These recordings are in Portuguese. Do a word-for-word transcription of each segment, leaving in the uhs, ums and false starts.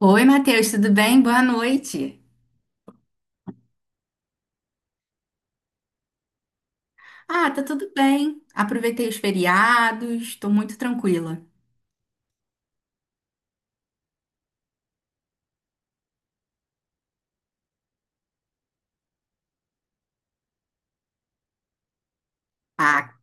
Oi, Matheus, tudo bem? Boa noite. Ah, tá tudo bem. Aproveitei os feriados, tô muito tranquila. Ah,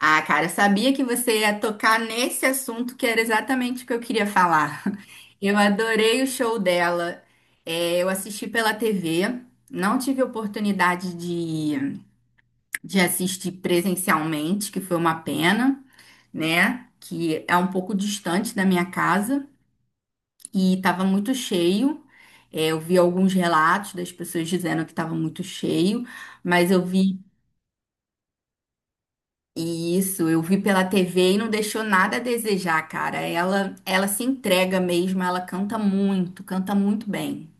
ah, Cara, eu sabia que você ia tocar nesse assunto que era exatamente o que eu queria falar. Eu adorei o show dela. É, eu assisti pela T V, não tive oportunidade de, de assistir presencialmente, que foi uma pena, né? Que é um pouco distante da minha casa e estava muito cheio. É, eu vi alguns relatos das pessoas dizendo que estava muito cheio, mas eu vi isso, eu vi pela T V e não deixou nada a desejar, cara. Ela, ela se entrega mesmo, ela canta muito, canta muito bem.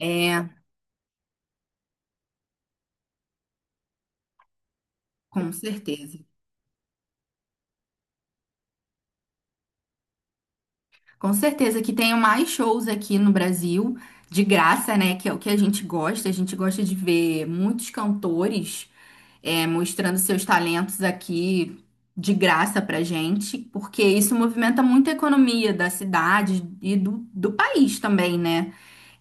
É, com certeza. Com certeza que tenho mais shows aqui no Brasil, de graça, né? Que é o que a gente gosta. A gente gosta de ver muitos cantores, é, mostrando seus talentos aqui de graça pra gente, porque isso movimenta muito a economia da cidade e do, do país também, né?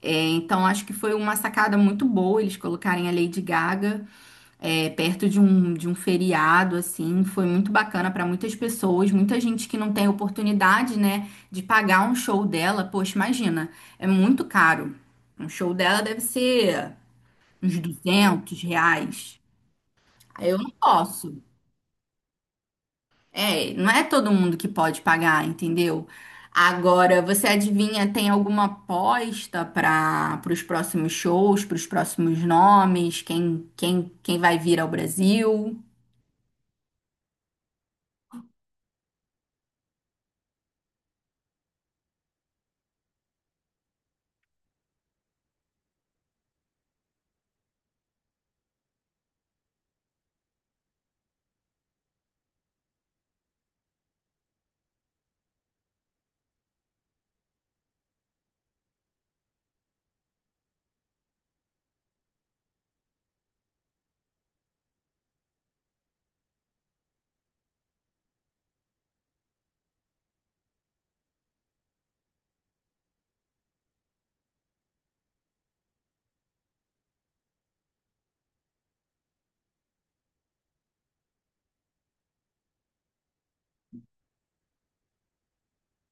É, então acho que foi uma sacada muito boa eles colocarem a Lady Gaga, é, perto de um, de um feriado. Assim, foi muito bacana para muitas pessoas, muita gente que não tem oportunidade, né, de pagar um show dela. Poxa, imagina, é muito caro. Um show dela deve ser uns duzentos reais. Aí eu não posso. É, não é todo mundo que pode pagar, entendeu? Agora, você adivinha, tem alguma aposta para os próximos shows, para os próximos nomes, quem, quem, quem vai vir ao Brasil?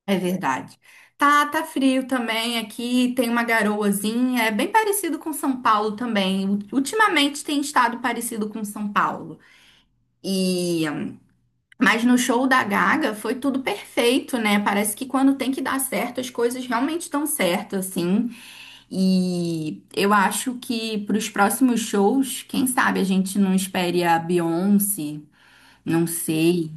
É verdade. Tá, tá frio também aqui, tem uma garoazinha, é bem parecido com São Paulo também. Ultimamente tem estado parecido com São Paulo. E mas no show da Gaga foi tudo perfeito, né? Parece que quando tem que dar certo, as coisas realmente estão certo, assim. E eu acho que para os próximos shows, quem sabe a gente não espere a Beyoncé, não sei.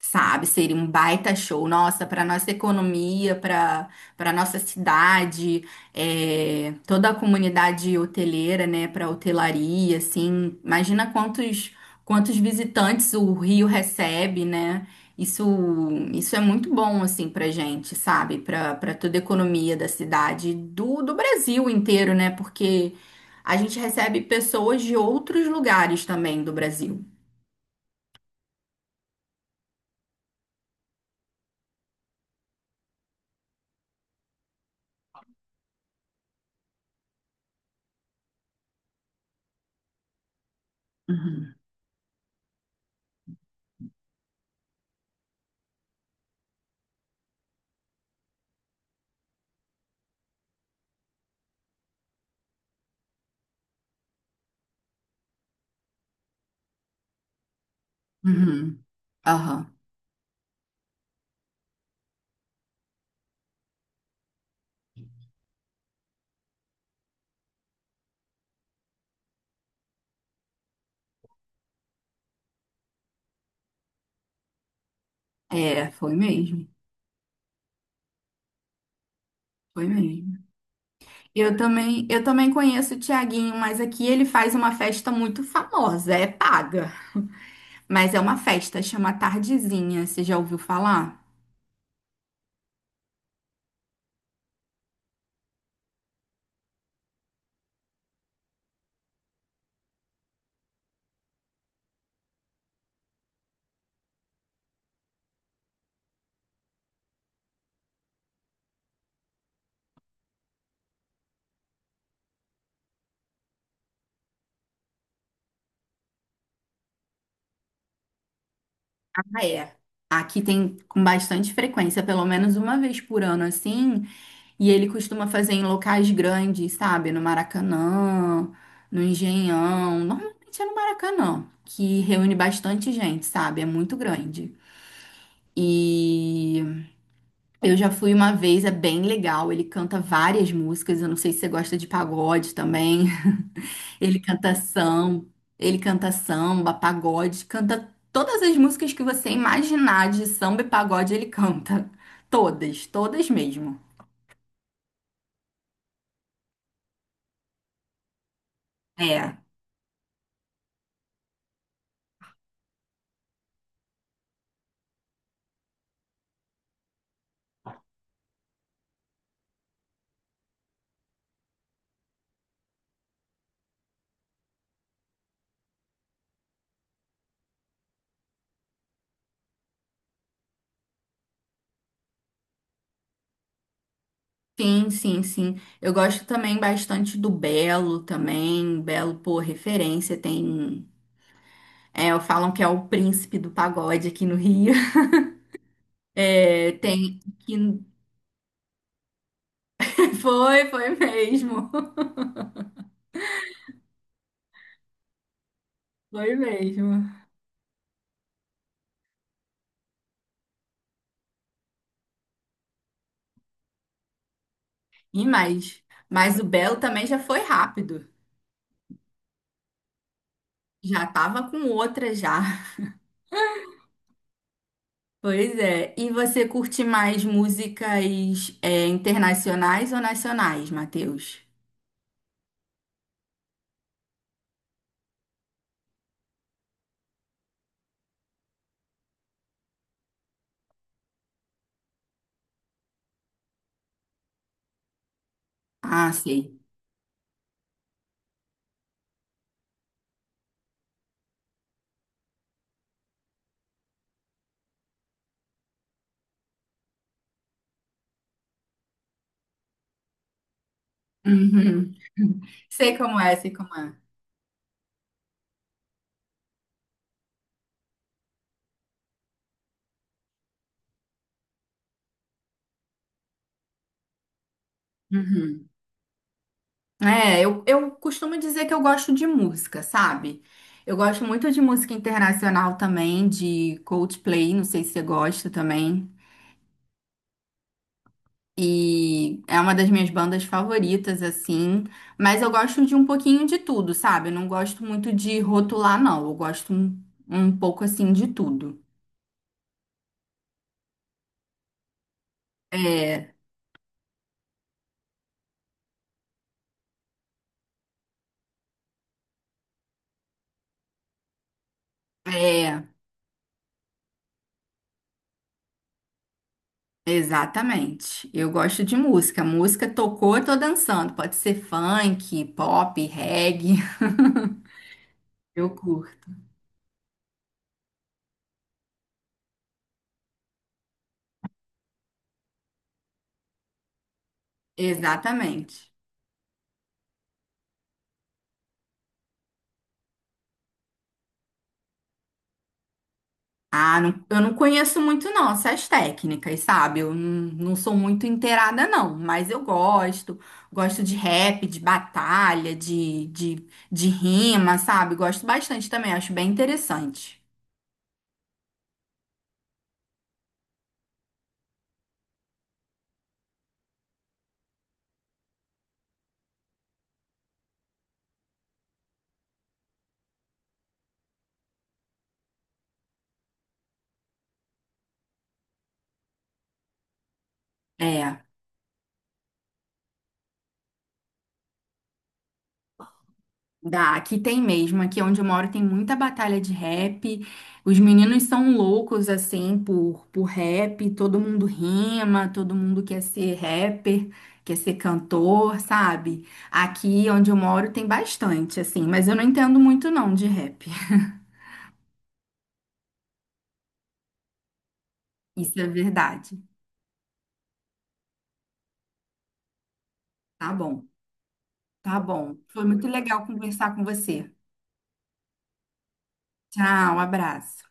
Sabe, seria um baita show, nossa, para nossa economia, para para nossa cidade, é, toda a comunidade hoteleira, né, para hotelaria. Assim, imagina quantos quantos visitantes o Rio recebe, né? Isso isso é muito bom assim pra gente, sabe? Para para toda a economia da cidade, do do Brasil inteiro, né? Porque a gente recebe pessoas de outros lugares também do Brasil. Uhum. Aham. É, foi mesmo, foi mesmo. Eu também, eu também conheço o Tiaguinho, mas aqui ele faz uma festa muito famosa, é paga, mas é uma festa, chama Tardezinha, você já ouviu falar? Ah, é. Aqui tem com bastante frequência, pelo menos uma vez por ano, assim, e ele costuma fazer em locais grandes, sabe? No Maracanã, no Engenhão, normalmente é no Maracanã, que reúne bastante gente, sabe? É muito grande. E eu já fui uma vez, é bem legal. Ele canta várias músicas. Eu não sei se você gosta de pagode também. Ele canta samba, ele canta samba, pagode, canta todas as músicas que você imaginar de samba e pagode, ele canta. Todas, todas mesmo. É. Sim, sim, sim. Eu gosto também bastante do Belo também. Belo, pô, referência. Tem um, é, falam que é o príncipe do pagode aqui no Rio. É, tem. Que... Foi, foi mesmo. Foi mesmo. E mais. Mas o Belo também já foi rápido. Já tava com outra já. Pois é. E você curte mais músicas, é, internacionais ou nacionais, Matheus? Ah, sei. Uhum. Sei como é, sei como é. Uhum. É, eu, eu costumo dizer que eu gosto de música, sabe? Eu gosto muito de música internacional também, de Coldplay, não sei se você gosta também. E é uma das minhas bandas favoritas, assim. Mas eu gosto de um pouquinho de tudo, sabe? Eu não gosto muito de rotular, não. Eu gosto um, um pouco, assim, de tudo. É, é, exatamente. Eu gosto de música. Música tocou, eu tô dançando. Pode ser funk, pop, reggae. Eu curto. Exatamente. Ah, não, eu não conheço muito não essas técnicas, sabe? Eu não, não sou muito inteirada não, mas eu gosto. Gosto de rap, de batalha, de, de, de rima, sabe? Gosto bastante também, acho bem interessante. É. Dá, aqui tem mesmo. Aqui onde eu moro tem muita batalha de rap. Os meninos são loucos, assim, por, por rap. Todo mundo rima, todo mundo quer ser rapper, quer ser cantor, sabe? Aqui onde eu moro tem bastante, assim, mas eu não entendo muito não de rap. Isso é verdade. Tá bom, tá bom. Foi muito legal conversar com você. Tchau, abraço.